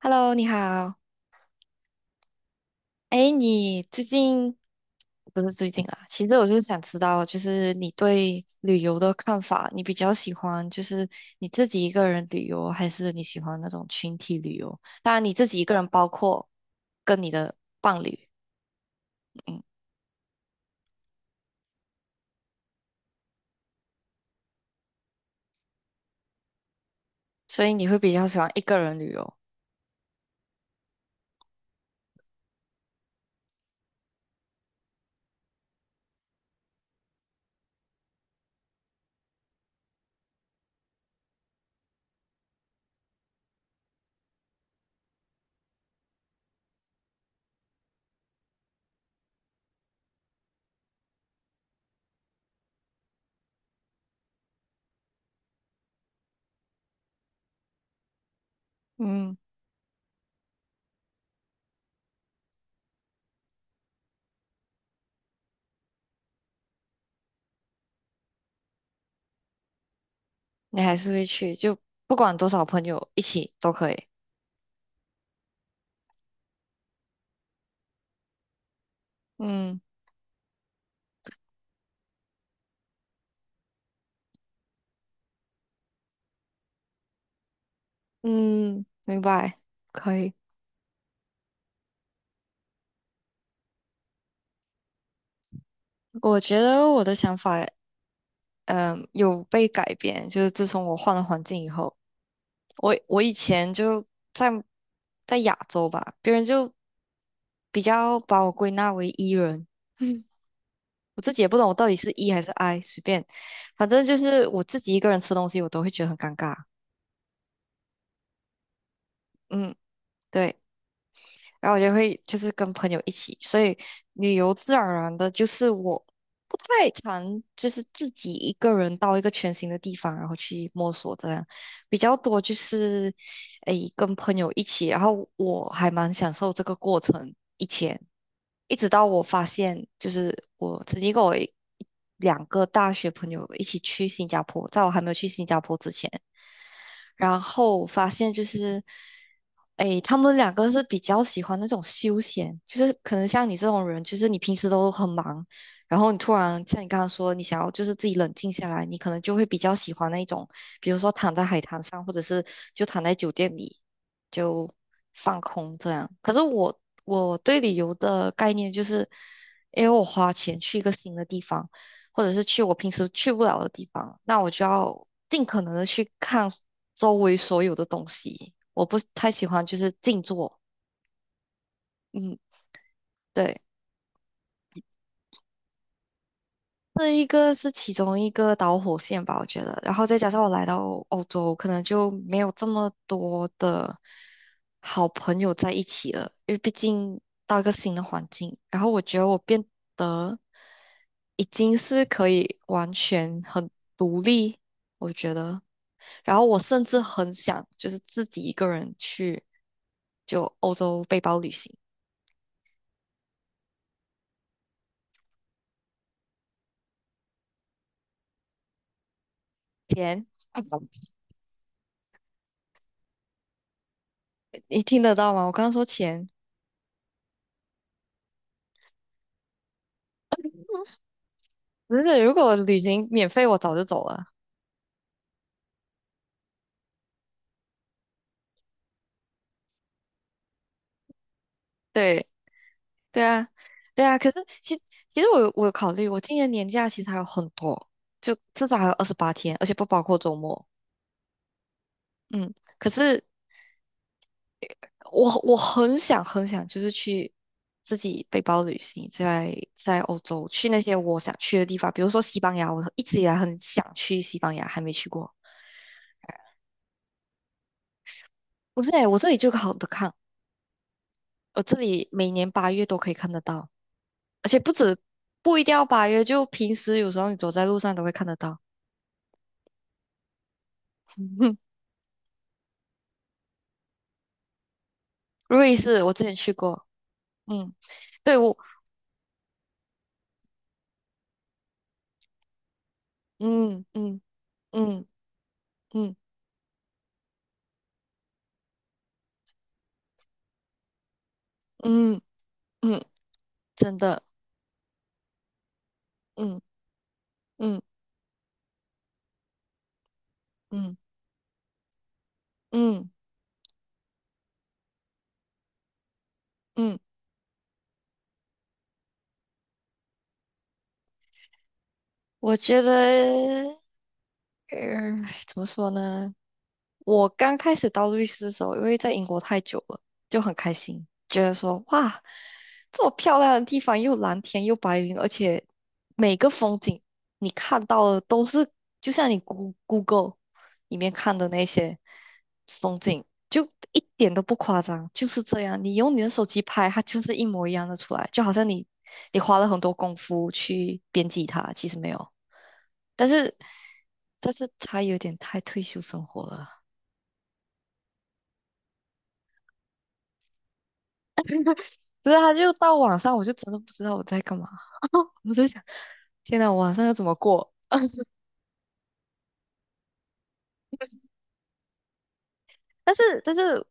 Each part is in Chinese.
Hello，你好。哎，你最近不是最近啊？其实我就是想知道，就是你对旅游的看法，你比较喜欢就是你自己一个人旅游，还是你喜欢那种群体旅游？当然，你自己一个人包括跟你的伴侣，嗯，所以你会比较喜欢一个人旅游，嗯，你还是会去，就不管多少朋友一起都可以，嗯嗯，明白，可以。我觉得我的想法。嗯，有被改变，就是自从我换了环境以后，我以前就在在亚洲吧，别人就比较把我归纳为 E 人，我自己也不懂我到底是 E 还是 I，随便，反正就是我自己一个人吃东西，我都会觉得很尴尬。嗯，对。然后我就会就是跟朋友一起，所以旅游自然而然的就是我不太常就是自己一个人到一个全新的地方，然后去摸索这样，比较多就是诶跟朋友一起，然后我还蛮享受这个过程，以前一直到我发现就是我曾经跟我一两个大学朋友一起去新加坡，在我还没有去新加坡之前。然后发现就是，诶，他们两个是比较喜欢那种休闲，就是可能像你这种人，就是你平时都很忙，然后你突然像你刚刚说，你想要就是自己冷静下来，你可能就会比较喜欢那种，比如说躺在海滩上，或者是就躺在酒店里就放空这样。可是我对旅游的概念就是，因为我花钱去一个新的地方。或者是去我平时去不了的地方，那我就要尽可能的去看周围所有的东西。我不太喜欢就是静坐，嗯，对。这一个是其中一个导火线吧，我觉得。然后再加上我来到欧洲，可能就没有这么多的好朋友在一起了，因为毕竟到一个新的环境。然后我觉得我变得已经是可以完全很独立，我觉得。然后我甚至很想就是自己一个人去就欧洲背包旅行。钱，你听得到吗？我刚刚说钱。不是，如果旅行免费，我早就走了。对，对啊，对啊。可是其实我有考虑，我今年年假其实还有很多，就至少还有二十八天，而且不包括周末。嗯，可是我很想很想，就是去自己背包旅行，在欧洲去那些我想去的地方，比如说西班牙，我一直以来很想去西班牙，还没去过。不是欸，我这里就好的看，我这里每年八月都可以看得到。而且不止不一定要八月，就平时有时候你走在路上都会看得到。瑞士我之前去过，嗯，对我，嗯嗯嗯嗯嗯嗯，真的，嗯嗯嗯嗯嗯，我觉得，呃，怎么说呢？我刚开始当律师的时候，因为在英国太久了，就很开心，觉得说哇，这么漂亮的地方，又蓝天又白云，而且每个风景你看到的都是，就像你 Google 里面看的那些风景，就一点都不夸张，就是这样。你用你的手机拍，它就是一模一样的出来，就好像你花了很多功夫去编辑它，其实没有，但是它有点太退休生活了。不是，他就到晚上，我就真的不知道我在干嘛。我在想，天呐，我晚上要怎么过？但是，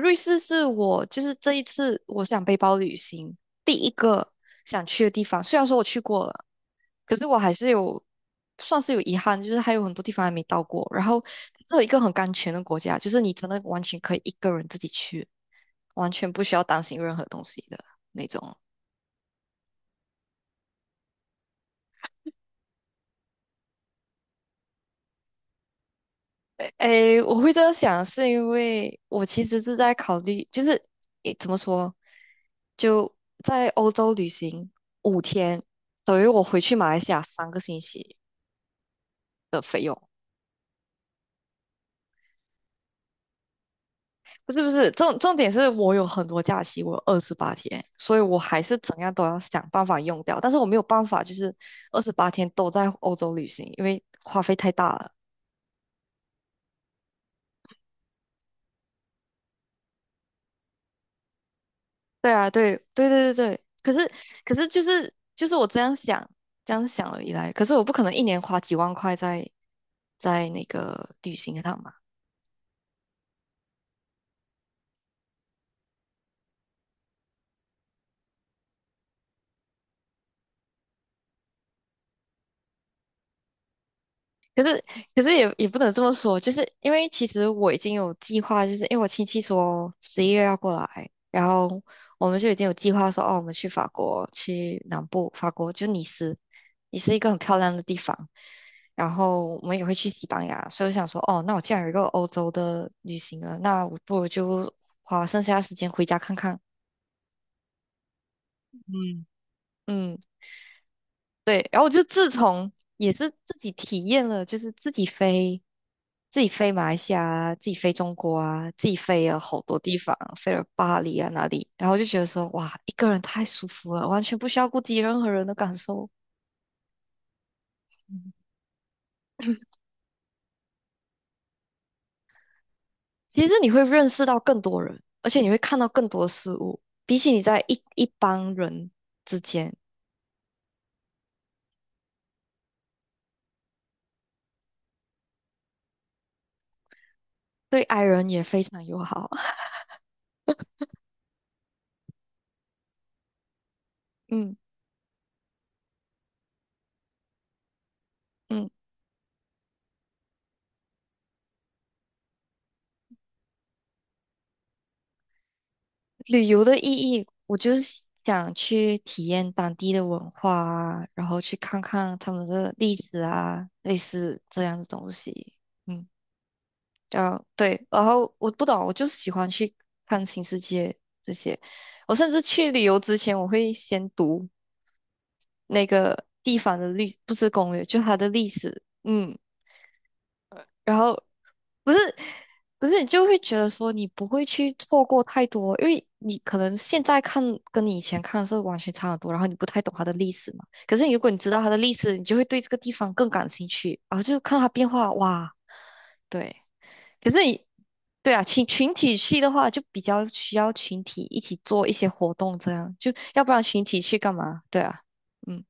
瑞士是我就是这一次我想背包旅行第一个想去的地方。虽然说我去过了，可是我还是算是有遗憾，就是还有很多地方还没到过。然后，这有一个很安全的国家，就是你真的完全可以一个人自己去，完全不需要担心任何东西的那种。诶，我会这样想，是因为我其实是在考虑，就是诶，怎么说，就在欧洲旅行5 天，等于我回去马来西亚3 个星期。不是不是，重点是我有很多假期，我有二十八天，所以我还是怎样都要想办法用掉。但是我没有办法，就是二十八天都在欧洲旅行，因为花费太大了。对啊，对对对对对，可是就是我这样想了以来，可是我不可能一年花几万块在那个旅行上嘛。可是，可是也不能这么说，就是因为其实我已经有计划，就是因为我亲戚说11 月要过来，然后我们就已经有计划说，哦，我们去法国，去南部，法国就尼斯，也是一个很漂亮的地方。然后我们也会去西班牙，所以我想说，哦，那我既然有一个欧洲的旅行了，那我不如就花剩下的时间回家看看。嗯，嗯，对，然后我就自从也是自己体验了，就是自己飞，自己飞马来西亚啊自己飞中国啊，自己飞了好多地方，飞了巴黎啊哪里，然后就觉得说哇，一个人太舒服了，完全不需要顾及任何人的感受。嗯其实你会认识到更多人，而且你会看到更多事物，比起你在一帮人之间，对 i 人也非常友好。嗯嗯。旅游的意义，我就是想去体验当地的文化啊，然后去看看他们的历史啊，类似这样的东西。嗯，然后对，然后我不懂，我就是喜欢去看新世界这些。我甚至去旅游之前，我会先读那个地方的历，不是攻略，就它的历史。嗯，然后不是不是，你就会觉得说你不会去错过太多，因为你可能现在看跟你以前看是完全差很多，然后你不太懂它的历史嘛。可是如果你知道它的历史，你就会对这个地方更感兴趣，然后就看它变化，哇，对。可是你对啊，群体去的话，就比较需要群体一起做一些活动，这样就要不然群体去干嘛？对啊，嗯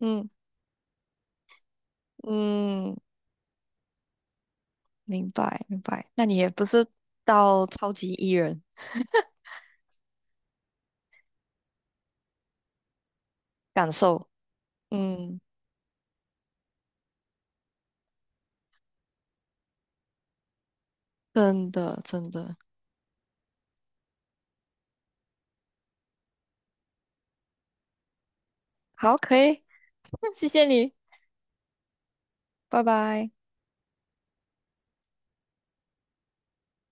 嗯嗯，明白明白。那你也不是到超级艺人感受。嗯，真的真的，好，可以，谢谢你，拜拜。